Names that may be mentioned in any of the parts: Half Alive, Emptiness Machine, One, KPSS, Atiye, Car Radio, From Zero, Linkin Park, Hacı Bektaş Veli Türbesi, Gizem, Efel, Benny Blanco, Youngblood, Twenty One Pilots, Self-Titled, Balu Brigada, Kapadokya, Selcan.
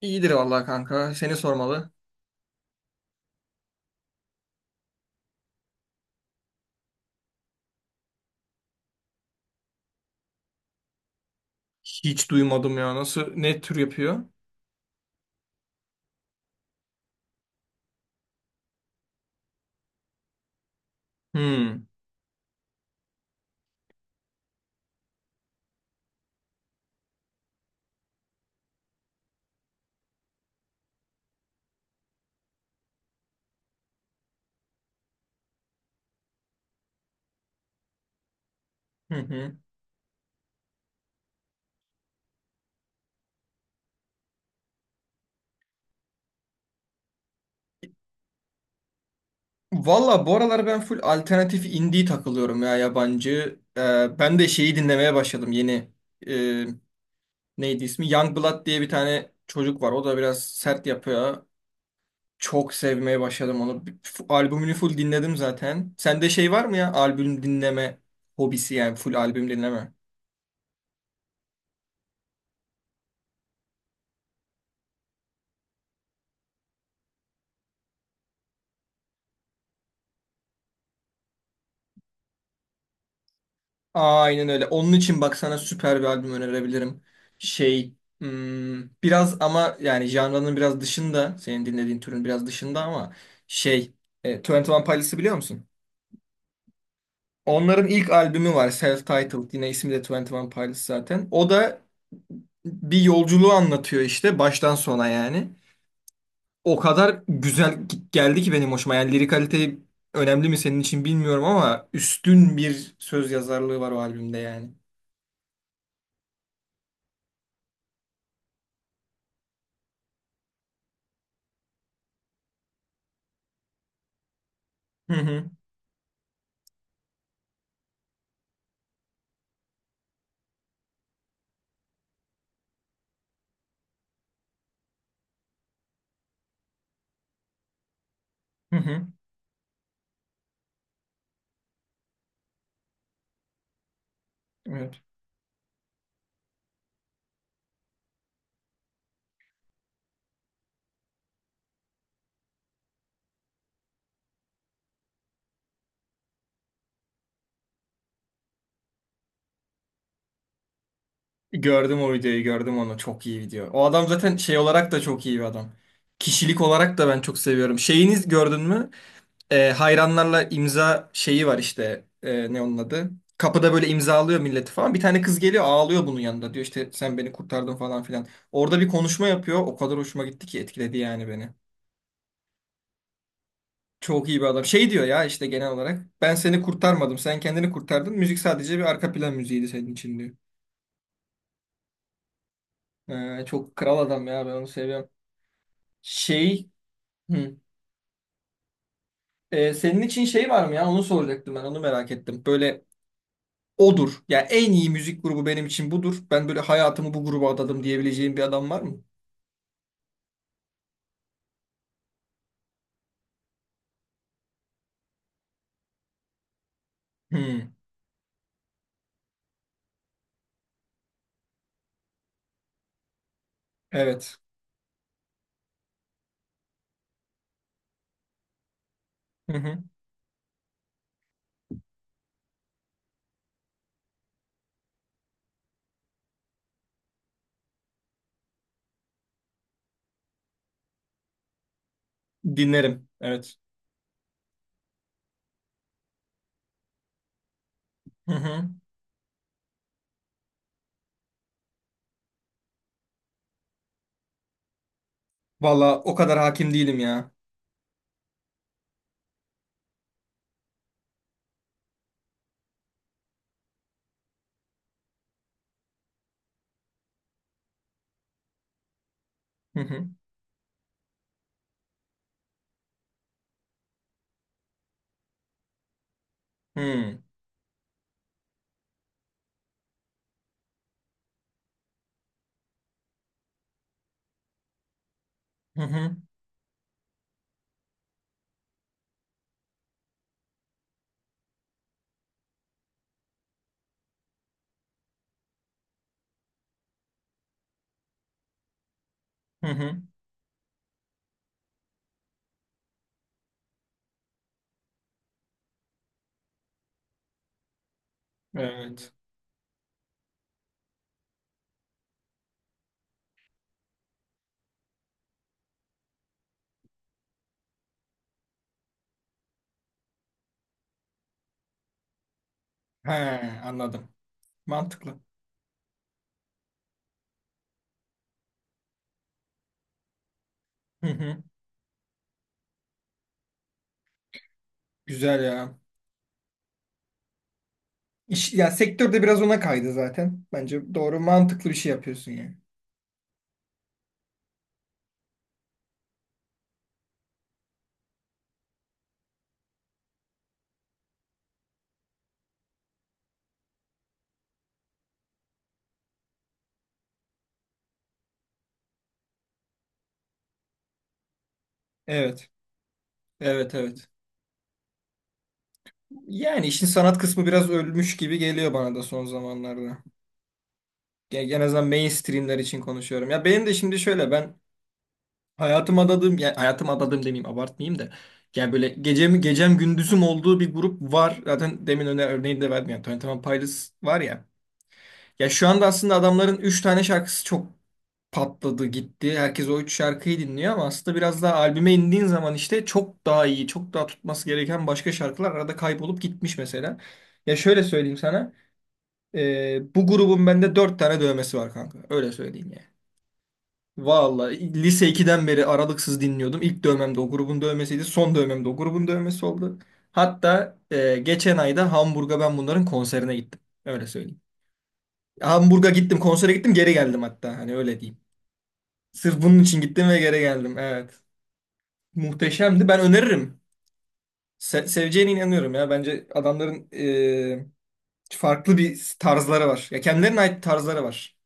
İyidir vallahi kanka. Seni sormalı. Hiç duymadım ya. Nasıl, ne tür yapıyor? Hmm. Hı hı. Valla bu aralar ben full alternatif indie takılıyorum ya yabancı. Ben de şeyi dinlemeye başladım yeni. Ee, Neydi ismi? Youngblood diye bir tane çocuk var. O da biraz sert yapıyor ya. Çok sevmeye başladım onu. Albümünü full dinledim zaten. Sende şey var mı ya? Albüm dinleme hobisi yani, full albüm dinleme. Aynen öyle. Onun için bak, sana süper bir albüm önerebilirim. Şey, hmm, biraz ama yani janranın biraz dışında, senin dinlediğin türün biraz dışında ama şey, 21 Pilots'ı biliyor musun? Onların ilk albümü var, Self-Titled, yine ismi de 21 Pilots zaten. O da bir yolculuğu anlatıyor işte baştan sona yani. O kadar güzel geldi ki benim hoşuma. Yani lirik kalite önemli mi senin için bilmiyorum ama üstün bir söz yazarlığı var o albümde yani. Hı hı. Hı hı. Evet. Gördüm o videoyu, gördüm onu. Çok iyi video. O adam zaten şey olarak da çok iyi bir adam. Kişilik olarak da ben çok seviyorum. Şeyiniz gördün mü? Hayranlarla imza şeyi var işte. Ne onun adı? Kapıda böyle imzalıyor milleti falan. Bir tane kız geliyor, ağlıyor bunun yanında. Diyor işte sen beni kurtardın falan filan. Orada bir konuşma yapıyor. O kadar hoşuma gitti ki, etkiledi yani beni. Çok iyi bir adam. Şey diyor ya işte genel olarak. Ben seni kurtarmadım. Sen kendini kurtardın. Müzik sadece bir arka plan müziğiydi senin için diyor. Çok kral adam ya, ben onu seviyorum. Şey, hı. Senin için şey var mı ya? Onu soracaktım ben. Onu merak ettim. Böyle odur. Yani en iyi müzik grubu benim için budur. Ben böyle hayatımı bu gruba adadım diyebileceğim bir adam var mı? Hı. Evet. Hı hı. Dinlerim. Evet. Hı hı. Valla o kadar hakim değilim ya. Hı hı. Hı. Hı hı. Hı hı. Evet. He, anladım. Mantıklı. Hı hı. Güzel ya. İş, ya sektörde biraz ona kaydı zaten. Bence doğru, mantıklı bir şey yapıyorsun yani. Evet. Evet evet. Yani işin sanat kısmı biraz ölmüş gibi geliyor bana da son zamanlarda. En azından mainstreamler için konuşuyorum. Ya benim de şimdi şöyle, ben hayatım adadığım, yani hayatım adadığım demeyeyim, abartmayayım da. Yani böyle gecem, gecem gündüzüm olduğu bir grup var. Zaten demin öne örneğini de verdim. Yani Twenty One Pilots var ya. Ya şu anda aslında adamların 3 tane şarkısı çok patladı gitti. Herkes o 3 şarkıyı dinliyor ama aslında biraz daha albüme indiğin zaman işte çok daha iyi, çok daha tutması gereken başka şarkılar arada kaybolup gitmiş mesela. Ya şöyle söyleyeyim sana. Bu grubun bende dört tane dövmesi var kanka. Öyle söyleyeyim yani. Vallahi lise ikiden beri aralıksız dinliyordum. İlk dövmem de o grubun dövmesiydi. Son dövmem de o grubun dövmesi oldu. Hatta geçen ayda Hamburg'a ben bunların konserine gittim. Öyle söyleyeyim. Hamburg'a gittim, konsere gittim, geri geldim hatta. Hani öyle diyeyim. Sırf bunun için gittim ve geri geldim. Evet. Muhteşemdi. Ben öneririm. Seveceğine inanıyorum ya. Bence adamların farklı bir tarzları var. Ya kendilerine ait tarzları var.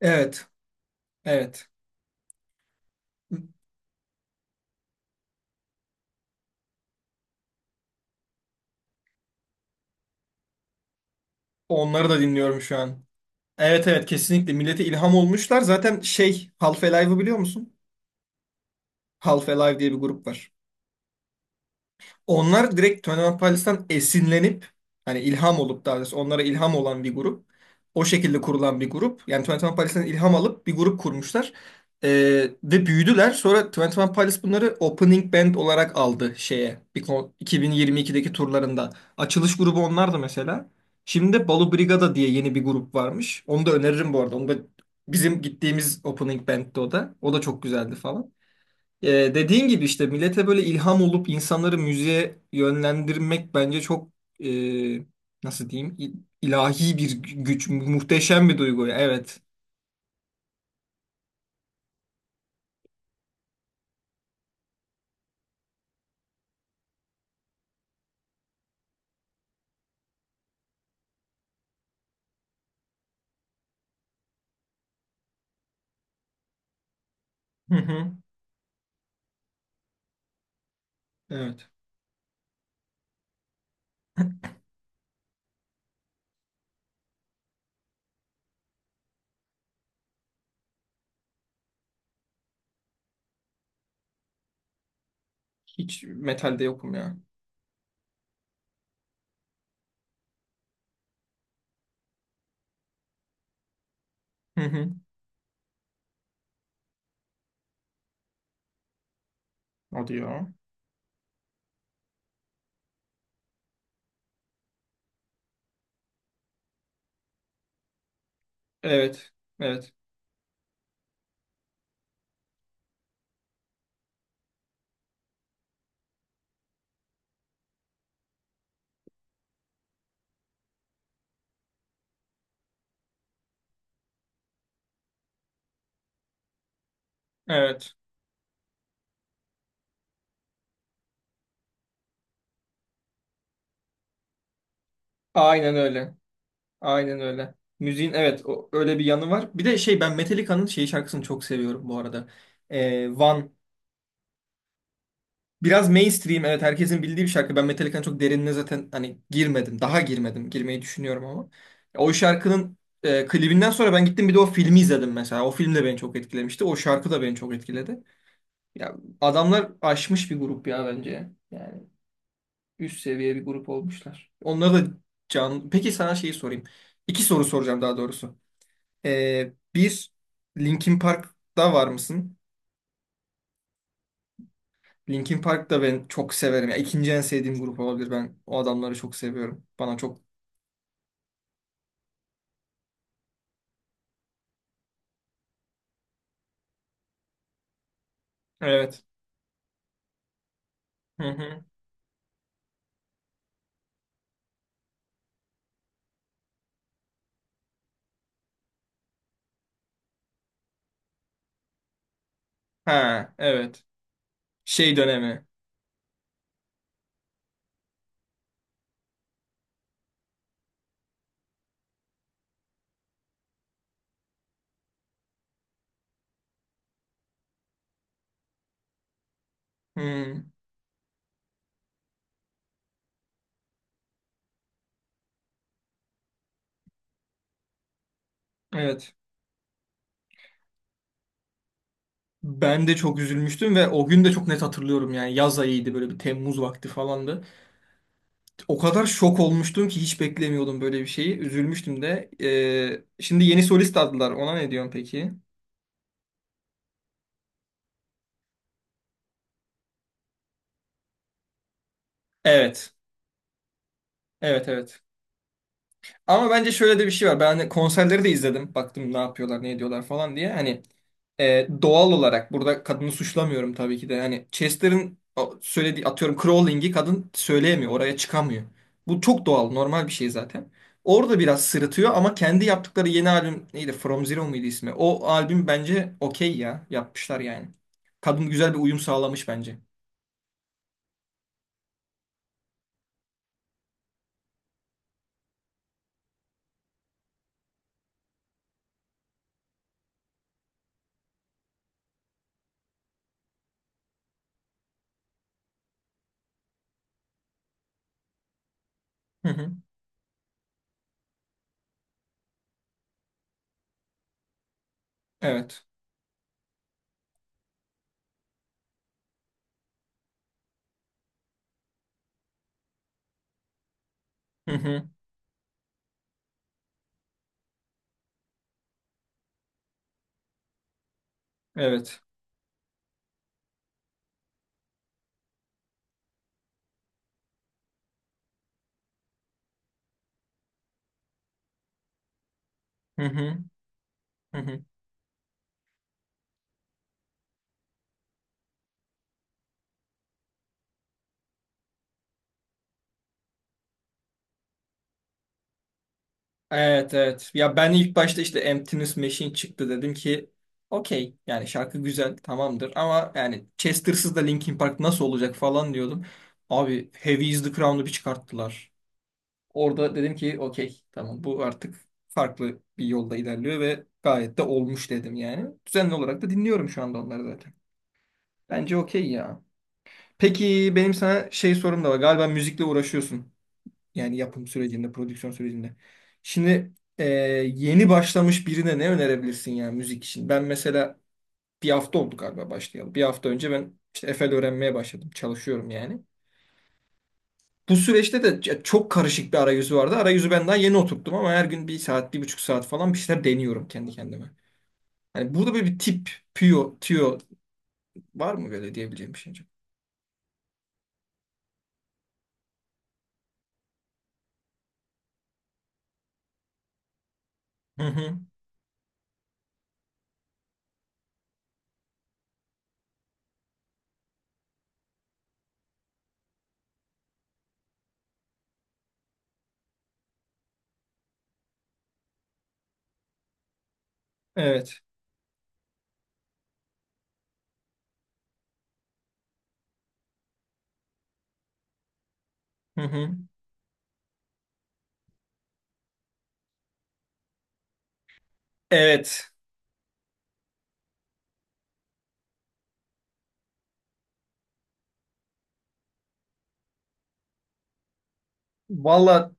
Evet. Evet. Onları da dinliyorum şu an. Evet evet, kesinlikle millete ilham olmuşlar. Zaten şey, Half Alive'ı biliyor musun? Half Alive diye bir grup var. Onlar direkt Twenty Pilots'tan esinlenip hani ilham olup, daha doğrusu onlara ilham olan bir grup. O şekilde kurulan bir grup. Yani Twenty One Pilots'tan ilham alıp bir grup kurmuşlar. Ee, Ve büyüdüler. Sonra Twenty One Pilots bunları opening band olarak aldı şeye. 2022'deki turlarında. Açılış grubu onlardı mesela. Şimdi de Balu Brigada diye yeni bir grup varmış. Onu da öneririm bu arada. Onu da bizim gittiğimiz opening band'ti o da. O da çok güzeldi falan. Ee, Dediğin gibi işte millete böyle ilham olup insanları müziğe yönlendirmek bence çok, e, nasıl diyeyim, ilahi bir güç, muhteşem bir duygu. Evet. Hı hı. Evet. Hiç metalde yokum ya. Hı hı. Hadi ya. Evet. Evet. Evet. Aynen öyle. Aynen öyle. Müziğin evet, o, öyle bir yanı var. Bir de şey, ben Metallica'nın şey şarkısını çok seviyorum bu arada. One. Biraz mainstream, evet, herkesin bildiği bir şarkı. Ben Metallica'nın çok derinine zaten hani girmedim. Daha girmedim. Girmeyi düşünüyorum ama. O şarkının klibinden sonra ben gittim, bir de o filmi izledim mesela. O film de beni çok etkilemişti. O şarkı da beni çok etkiledi. Ya adamlar aşmış bir grup ya bence. Yani üst seviye bir grup olmuşlar. Onlara da can... Peki sana şeyi sorayım. İki soru soracağım daha doğrusu. Bir, Linkin Park'ta var mısın? Linkin Park da ben çok severim. Ya, ikinci en sevdiğim grup olabilir. Ben o adamları çok seviyorum. Bana çok... Evet. Hı hı. Ha, evet. Şey dönemi. Hı, evet. Ben de çok üzülmüştüm ve o gün de çok net hatırlıyorum yani. Yaz ayıydı, böyle bir Temmuz vakti falandı. O kadar şok olmuştum ki, hiç beklemiyordum böyle bir şeyi. Üzülmüştüm de. Şimdi yeni solist aldılar. Ona ne diyorsun peki? Evet. Evet evet. Ama bence şöyle de bir şey var. Ben hani konserleri de izledim. Baktım ne yapıyorlar, ne ediyorlar falan diye. Hani doğal olarak burada kadını suçlamıyorum tabii ki de. Hani Chester'ın o söylediği, atıyorum, crawling'i kadın söyleyemiyor. Oraya çıkamıyor. Bu çok doğal, normal bir şey zaten. Orada biraz sırıtıyor ama kendi yaptıkları yeni albüm neydi? From Zero muydu ismi? O albüm bence okey ya. Yapmışlar yani. Kadın güzel bir uyum sağlamış bence. Hı hı. Evet. Hı hı. Evet. Hı hı. Hı hı. Evet evet. Ya ben ilk başta işte Emptiness Machine çıktı, dedim ki okey, yani şarkı güzel, tamamdır ama yani Chester'sız da Linkin Park nasıl olacak falan diyordum. Abi Heavy is the Crown'u bir çıkarttılar. Orada dedim ki okey, tamam, bu artık farklı bir yolda ilerliyor ve gayet de olmuş dedim yani. Düzenli olarak da dinliyorum şu anda onları zaten. Bence okey ya. Peki benim sana şey sorum da var. Galiba müzikle uğraşıyorsun. Yani yapım sürecinde, prodüksiyon sürecinde. Şimdi yeni başlamış birine ne önerebilirsin yani müzik için? Ben mesela bir hafta oldu galiba başlayalı. Bir hafta önce ben işte Efel öğrenmeye başladım. Çalışıyorum yani. Bu süreçte de çok karışık bir arayüzü vardı. Arayüzü ben daha yeni oturttum ama her gün bir saat, bir buçuk saat falan bir şeyler deniyorum kendi kendime. Yani burada böyle bir tip, püyo, tüyo var mı, böyle diyebileceğim bir şey acaba? Hı hı. Evet. Hı hı. Evet. Valla,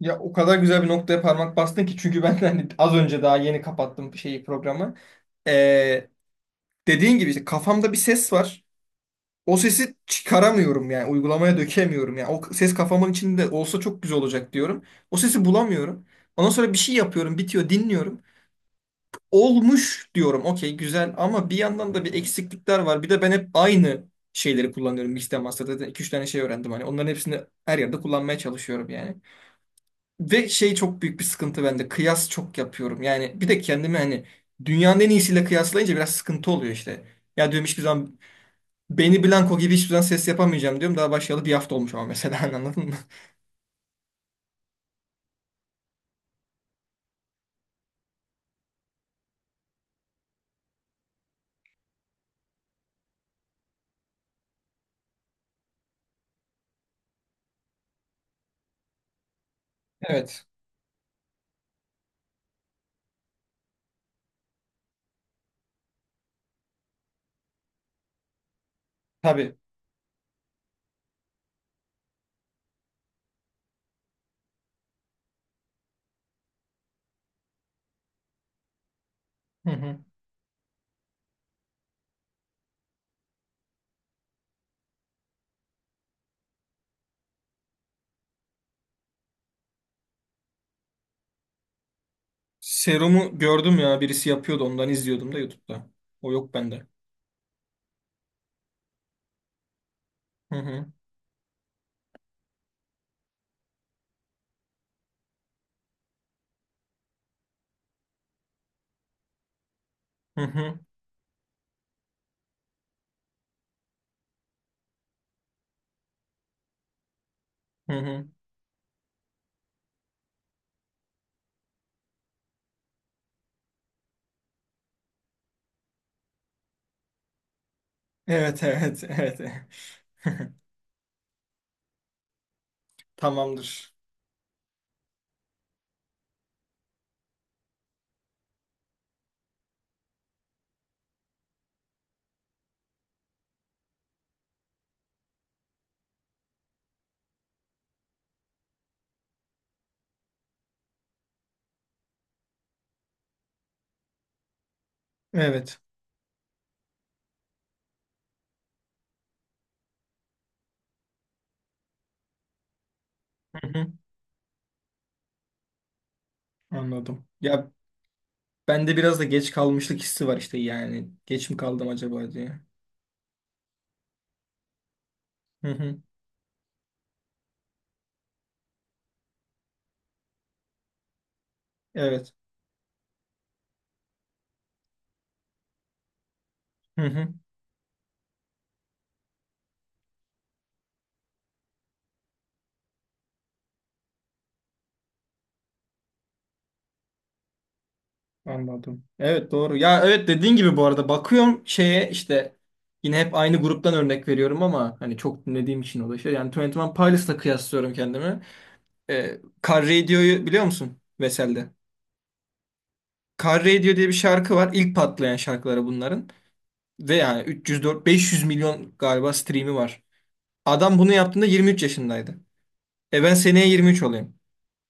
ya o kadar güzel bir noktaya parmak bastın ki, çünkü ben hani az önce daha yeni kapattım şeyi, programı. Ee, Dediğin gibi işte kafamda bir ses var. O sesi çıkaramıyorum yani, uygulamaya dökemiyorum yani. O ses kafamın içinde olsa çok güzel olacak diyorum. O sesi bulamıyorum. Ondan sonra bir şey yapıyorum, bitiyor, dinliyorum. Olmuş diyorum. Okey, güzel, ama bir yandan da bir eksiklikler var. Bir de ben hep aynı şeyleri kullanıyorum. Mixed Master'da iki üç tane şey öğrendim hani. Onların hepsini her yerde kullanmaya çalışıyorum yani. Ve şey, çok büyük bir sıkıntı bende. Kıyas çok yapıyorum. Yani bir de kendimi hani dünyanın en iyisiyle kıyaslayınca biraz sıkıntı oluyor işte. Ya diyorum, hiçbir zaman Benny Blanco gibi hiçbir zaman ses yapamayacağım diyorum. Daha başlayalı bir hafta olmuş ama mesela, anladın mı? Evet. Tabii. Hı hı. Serumu gördüm ya, birisi yapıyordu, ondan izliyordum da YouTube'da. O yok bende. Hı hı. Hı hı. Hı hı. Evet evet evet. Tamamdır. Evet. Hı hı. Anladım. Ya, bende biraz da geç kalmışlık hissi var işte yani. Geç mi kaldım acaba diye. Hı hı. Evet. Hı hı. Anladım. Evet, doğru. Ya evet, dediğin gibi bu arada bakıyorum şeye işte, yine hep aynı gruptan örnek veriyorum ama hani çok dinlediğim için o da şey. Yani Twenty One Pilots'la kıyaslıyorum kendimi. Ee, Car Radio'yu biliyor musun? Vesel'de. Car Radio diye bir şarkı var. İlk patlayan şarkıları bunların. Ve yani 304 500 milyon galiba stream'i var. Adam bunu yaptığında 23 yaşındaydı. E ben seneye 23 olayım.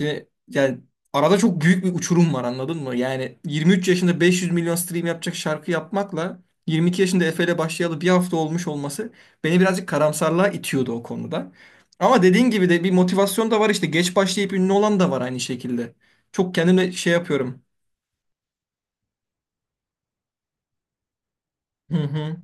Şimdi, yani arada çok büyük bir uçurum var, anladın mı? Yani 23 yaşında 500 milyon stream yapacak şarkı yapmakla 22 yaşında Efe ile başlayalı bir hafta olmuş olması beni birazcık karamsarlığa itiyordu o konuda. Ama dediğin gibi de bir motivasyon da var işte, geç başlayıp ünlü olan da var aynı şekilde. Çok kendime şey yapıyorum. Hı hı,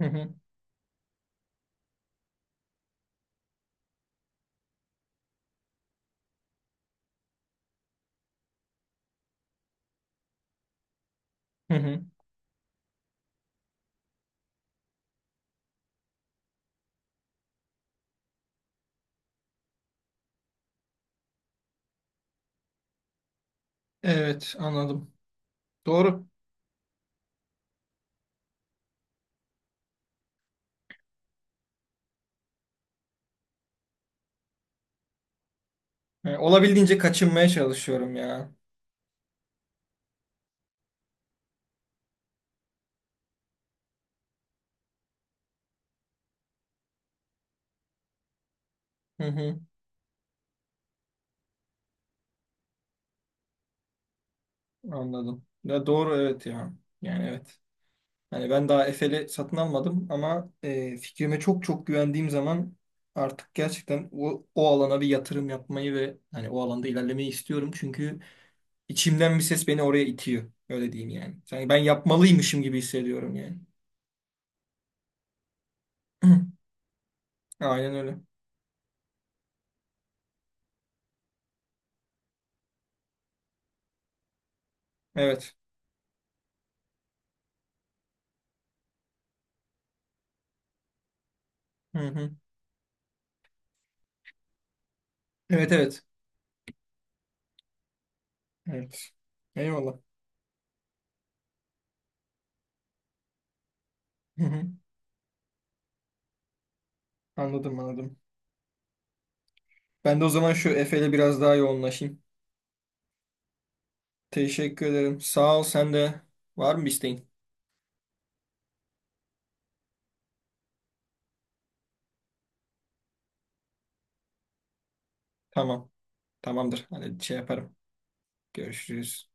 hı hı, hı hı. Evet, anladım. Doğru. Yani olabildiğince kaçınmaya çalışıyorum ya. Hı hı, anladım. Ya doğru, evet ya. Yani evet. Hani ben daha Efe'li satın almadım ama fikrime çok çok güvendiğim zaman artık gerçekten o, o alana bir yatırım yapmayı ve hani o alanda ilerlemeyi istiyorum. Çünkü içimden bir ses beni oraya itiyor. Öyle diyeyim yani. Sanki ben yapmalıymışım gibi hissediyorum yani. Aynen öyle. Evet. Hı hı. Evet evet. Evet. Eyvallah. Hı hı. Anladım, anladım. Ben de o zaman şu Efe'yle biraz daha yoğunlaşayım. Teşekkür ederim. Sağ ol sen de. Var mı bir isteğin? Tamam. Tamamdır. Hani şey yaparım. Görüşürüz.